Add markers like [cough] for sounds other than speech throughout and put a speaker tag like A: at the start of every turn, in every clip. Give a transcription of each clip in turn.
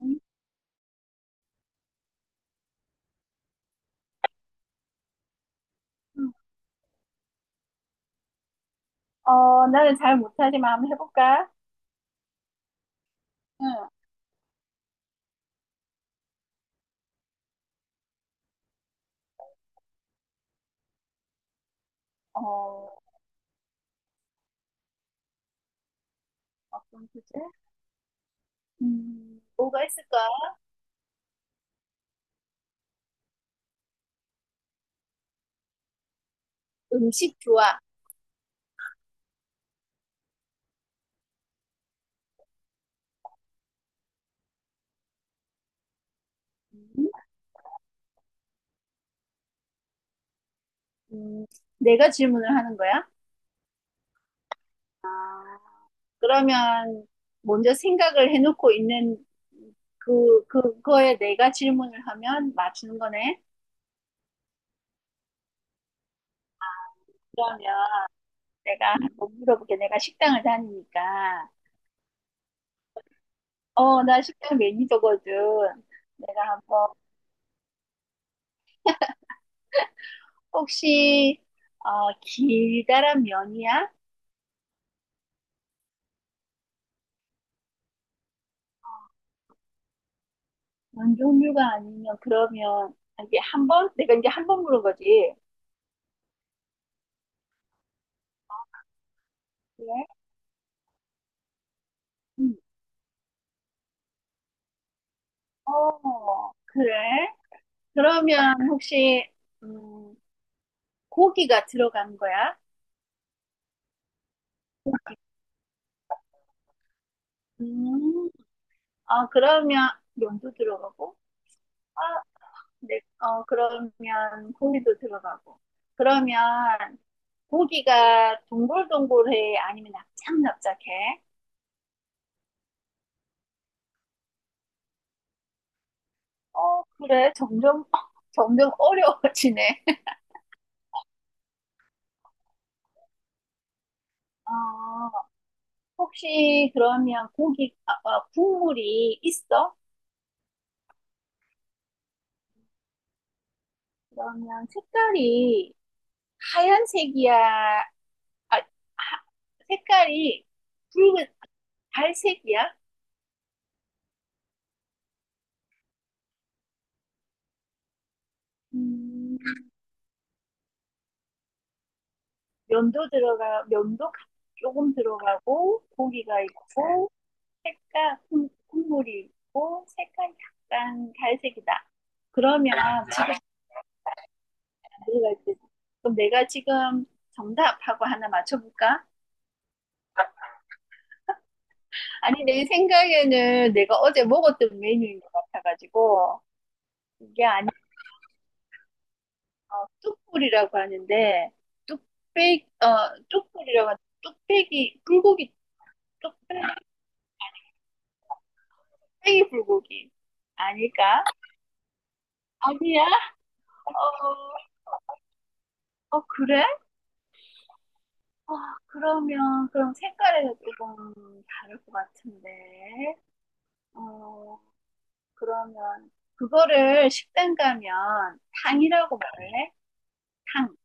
A: 음, 나는 잘 못하지만 한번 해볼까? 응, 어, 어떤 주제? 뭐가 있을까? 음식 좋아. 음, 음, 내가 질문을 하는 거야? 아, 그러면 먼저 생각을 해놓고 있는 그거에 내가 질문을 하면 맞추는 거네? 그러면 내가 한번 물어볼게. 내가 식당을 다니니까. 어, 나 식당 매니저거든. 내가 한번 혹시 어, 길다란 면이야? 면 종류가 아니면 그러면 아, 이게 한 번? 내가 이제 한번 물은 거지. 그래? 음. 어, 그래? 그러면 혹시 음, 고기가 들어간 거야? 음. 아, 그러면 면도 들어가고? 아, 네. 어, 그러면 고기도 들어가고. 그러면 고기가 동글동글해? 아니면 납작납작해? 어, 그래. 점점, [laughs] 점점 어려워지네. [laughs] 아, 혹시 그러면 국물이 있어? 그러면 색깔이 하얀색이야? 아, 하- 색깔이 붉은 갈색이야? 음, 면도 들어가, 면도 가- 조금 들어가고, 고기가 있고, 색깔, 국물이 있고, 색깔 약간 갈색이다. 그러면 지금 가져갈 때. 그럼 내가 지금 정답하고 하나 맞춰볼까? 아니, 내 생각에는 내가 어제 먹었던 메뉴인 것 같아가지고, 이게 아니라 뚝불이라고 하는데, 뚝배기, 어, 뚝불이라고 하는, 뚝배기, 불고기, 뚝배기 불고기. 아닐까? 아니야? 어, 어, 그래? 어, 그러면, 그럼 색깔이 조금 다를 것 같은데, 어, 그러면 그거를 식당 가면 탕이라고 말해? 탕.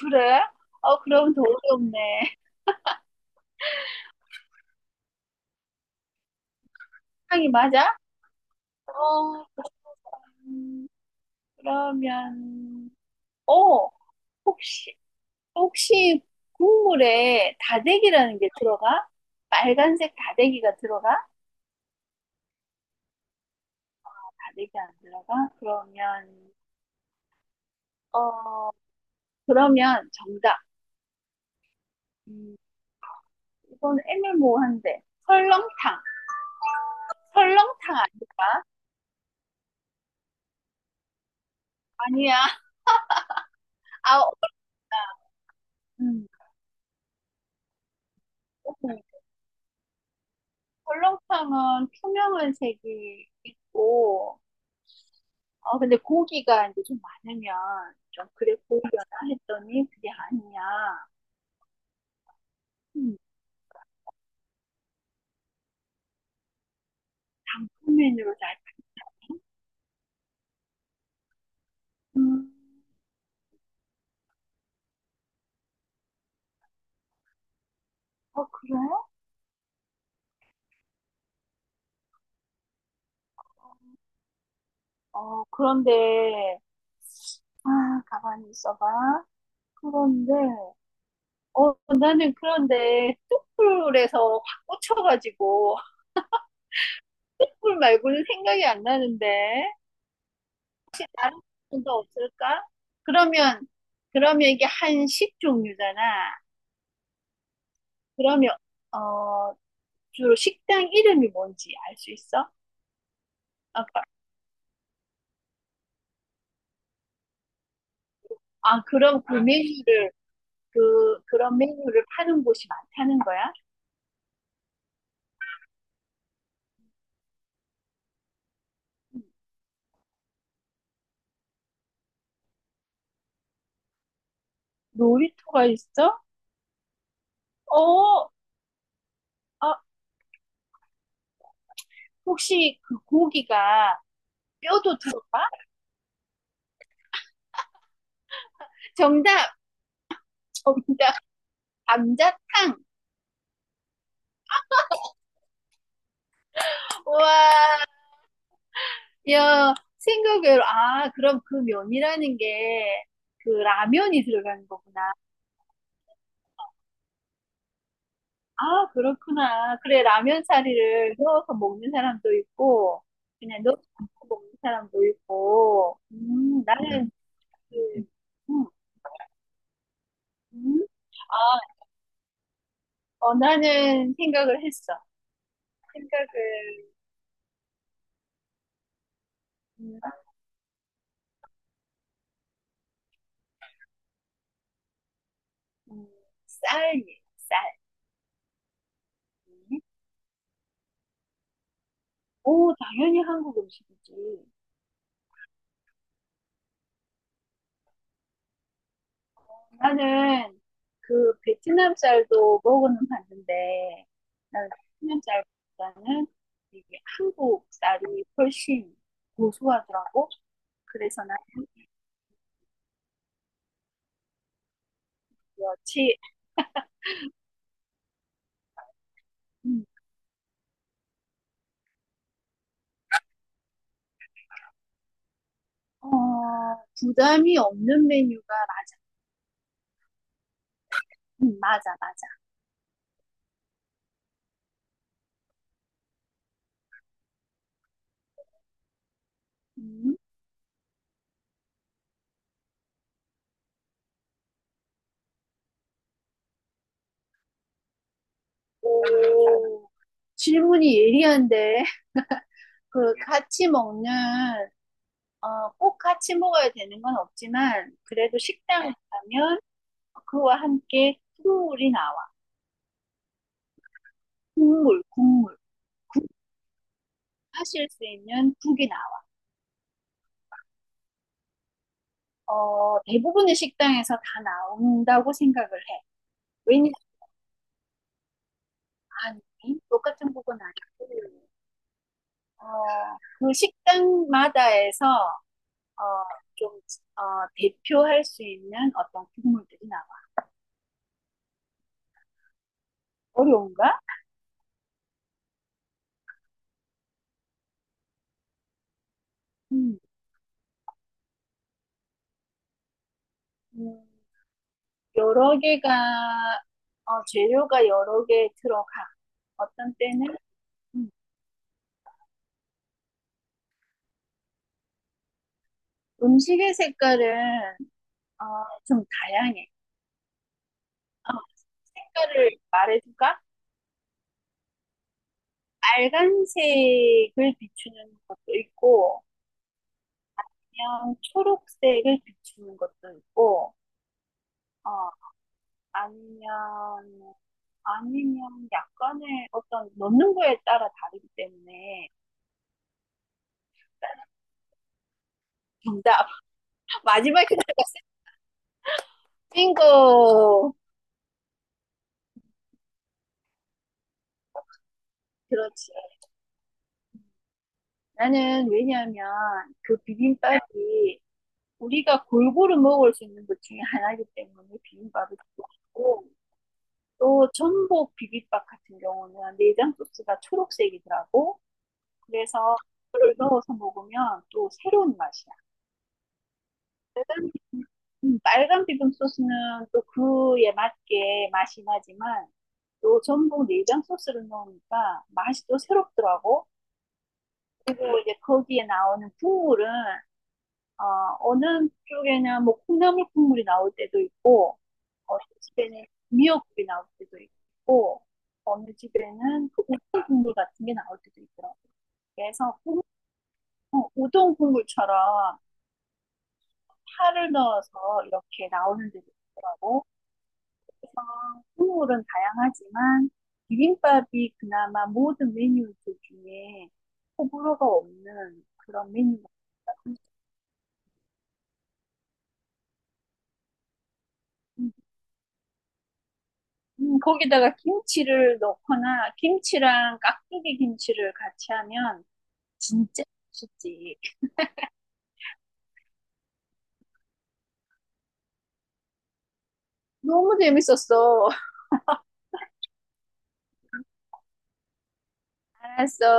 A: 그래? 어, 그럼 더 어렵네. 탕이 맞아? 어, 음, 그러면, 어, 혹시, 혹시 국물에 다대기라는 게 들어가? 빨간색 다대기가 들어가? 다대기 안 들어가? 그러면, 어, 그러면 정답. 음, 이건 애매모호한데. 설렁탕. 설렁탕 아닐까? 아니야. 아, 없다. 음. 음, 설렁탕은 투명한 색이 있고, 어, 근데 고기가 이제 좀 많으면 좀 그래 보이려나 했더니 그게 아니야. 음, 단품 메뉴로 잘. 음, 어, 그래? 어, 그런데, 아, 가만히 있어봐. 그런데, 어, 나는 그런데 뚝불에서 확 꽂혀가지고, [laughs] 뚝불 말고는 생각이 안 나는데. 혹시 다른 분도 없을까? 그러면 그러면 이게 한식 종류잖아. 그러면 어 주로 식당 이름이 뭔지 알 수 있어? 아까 아 그럼 그 메뉴를 그 그런 메뉴를 파는 곳이 많다는 거야? 놀이터가 있어? 어, 아, 혹시 그 고기가 뼈도 들어가? 정답, 정답, 감자탕. 와. 야, 생각외로, 아, 그럼 그 면이라는 게 그 라면이 들어가는 거구나. 아, 그렇구나. 그래, 라면 사리를 넣어서 먹는 사람도 있고, 그냥 넣어서 안 먹는 사람도 있고, 네. 나는 그, 음, 음. 아, 어, 나는 생각을 했어. 생각을, 음, 음, 쌀이, 쌀. 음? 오, 당연히 한국 음식이지. 나는 그 베트남 쌀도 먹어는 봤는데 나는 베트남 쌀보다는 이게 한국 쌀이 훨씬 고소하더라고. 그래서 나는 여치 음, 어, 부담이 없는 메뉴가 맞- 맞아. 음. 오 질문이 예리한데 [laughs] 그 같이 먹는 어, 꼭 같이 먹어야 되는 건 없지만 그래도 식당에 가면 그와 함께 국물이 나와. 국물, 국물 하실 수 있는 국이 나와. 어, 대부분의 식당에서 다 나온다고 생각을 해. 왜냐하면 똑같은 국은 아니고 어, 그 식당마다에서 어, 좀 어, 대표할 수 있는 어떤 국물들이 나와. 어려운가? 음, 음, 여러 개가 어, 재료가 여러 개 들어가. 어떤 때는 음, 음식의 색깔은 어, 좀 다양해. 어, 색깔을 말해줄까? 빨간색을 비추는 것도 있고, 그냥 초록색을 비추는 것도 있고, 어, 아니면, 아니면 약간의 어떤 넣는 거에 따라 다르기 때문에, 정답. [laughs] 마지막에 내가 쓰인 거. 그렇지. 나는 왜냐하면 그 비빔밥이 우리가 골고루 먹을 수 있는 것 중에 하나이기 때문에 비빔밥을 좋아하고, 또 전복 비빔밥 같은 경우는 내장 소스가 초록색이더라고. 그래서 그걸 넣어서 먹으면 또 새로운 맛이야. 빨간 비빔- 빨간 비빔 소스는 또 그에 맞게 맛이 나지만 또 전복 내장 소스를 넣으니까 맛이 또 새롭더라고. 그리고 이제 거기에 나오는 국물은 어, 어느 쪽에는 뭐 콩나물 국물이 나올 때도 있고, 어느 집에는 미역국이 나올 때도 있고, 어느 집에는 그 우동 국물 같은 게 나올 때도 있더라고요. 그래서 국- 어, 우동 국물처럼 파를 넣어서 이렇게 나오는 데도 있더라고. 국물은 다양하지만 비빔밥이 그나마 모든 메뉴들 중에 호불호가 없는 그런 메뉴가 있습니다. 거기다가 김치를 넣거나 김치랑 깍두기 김치를 같이 하면 진짜 맛있지. 너무 재밌었어. [laughs] 알았어.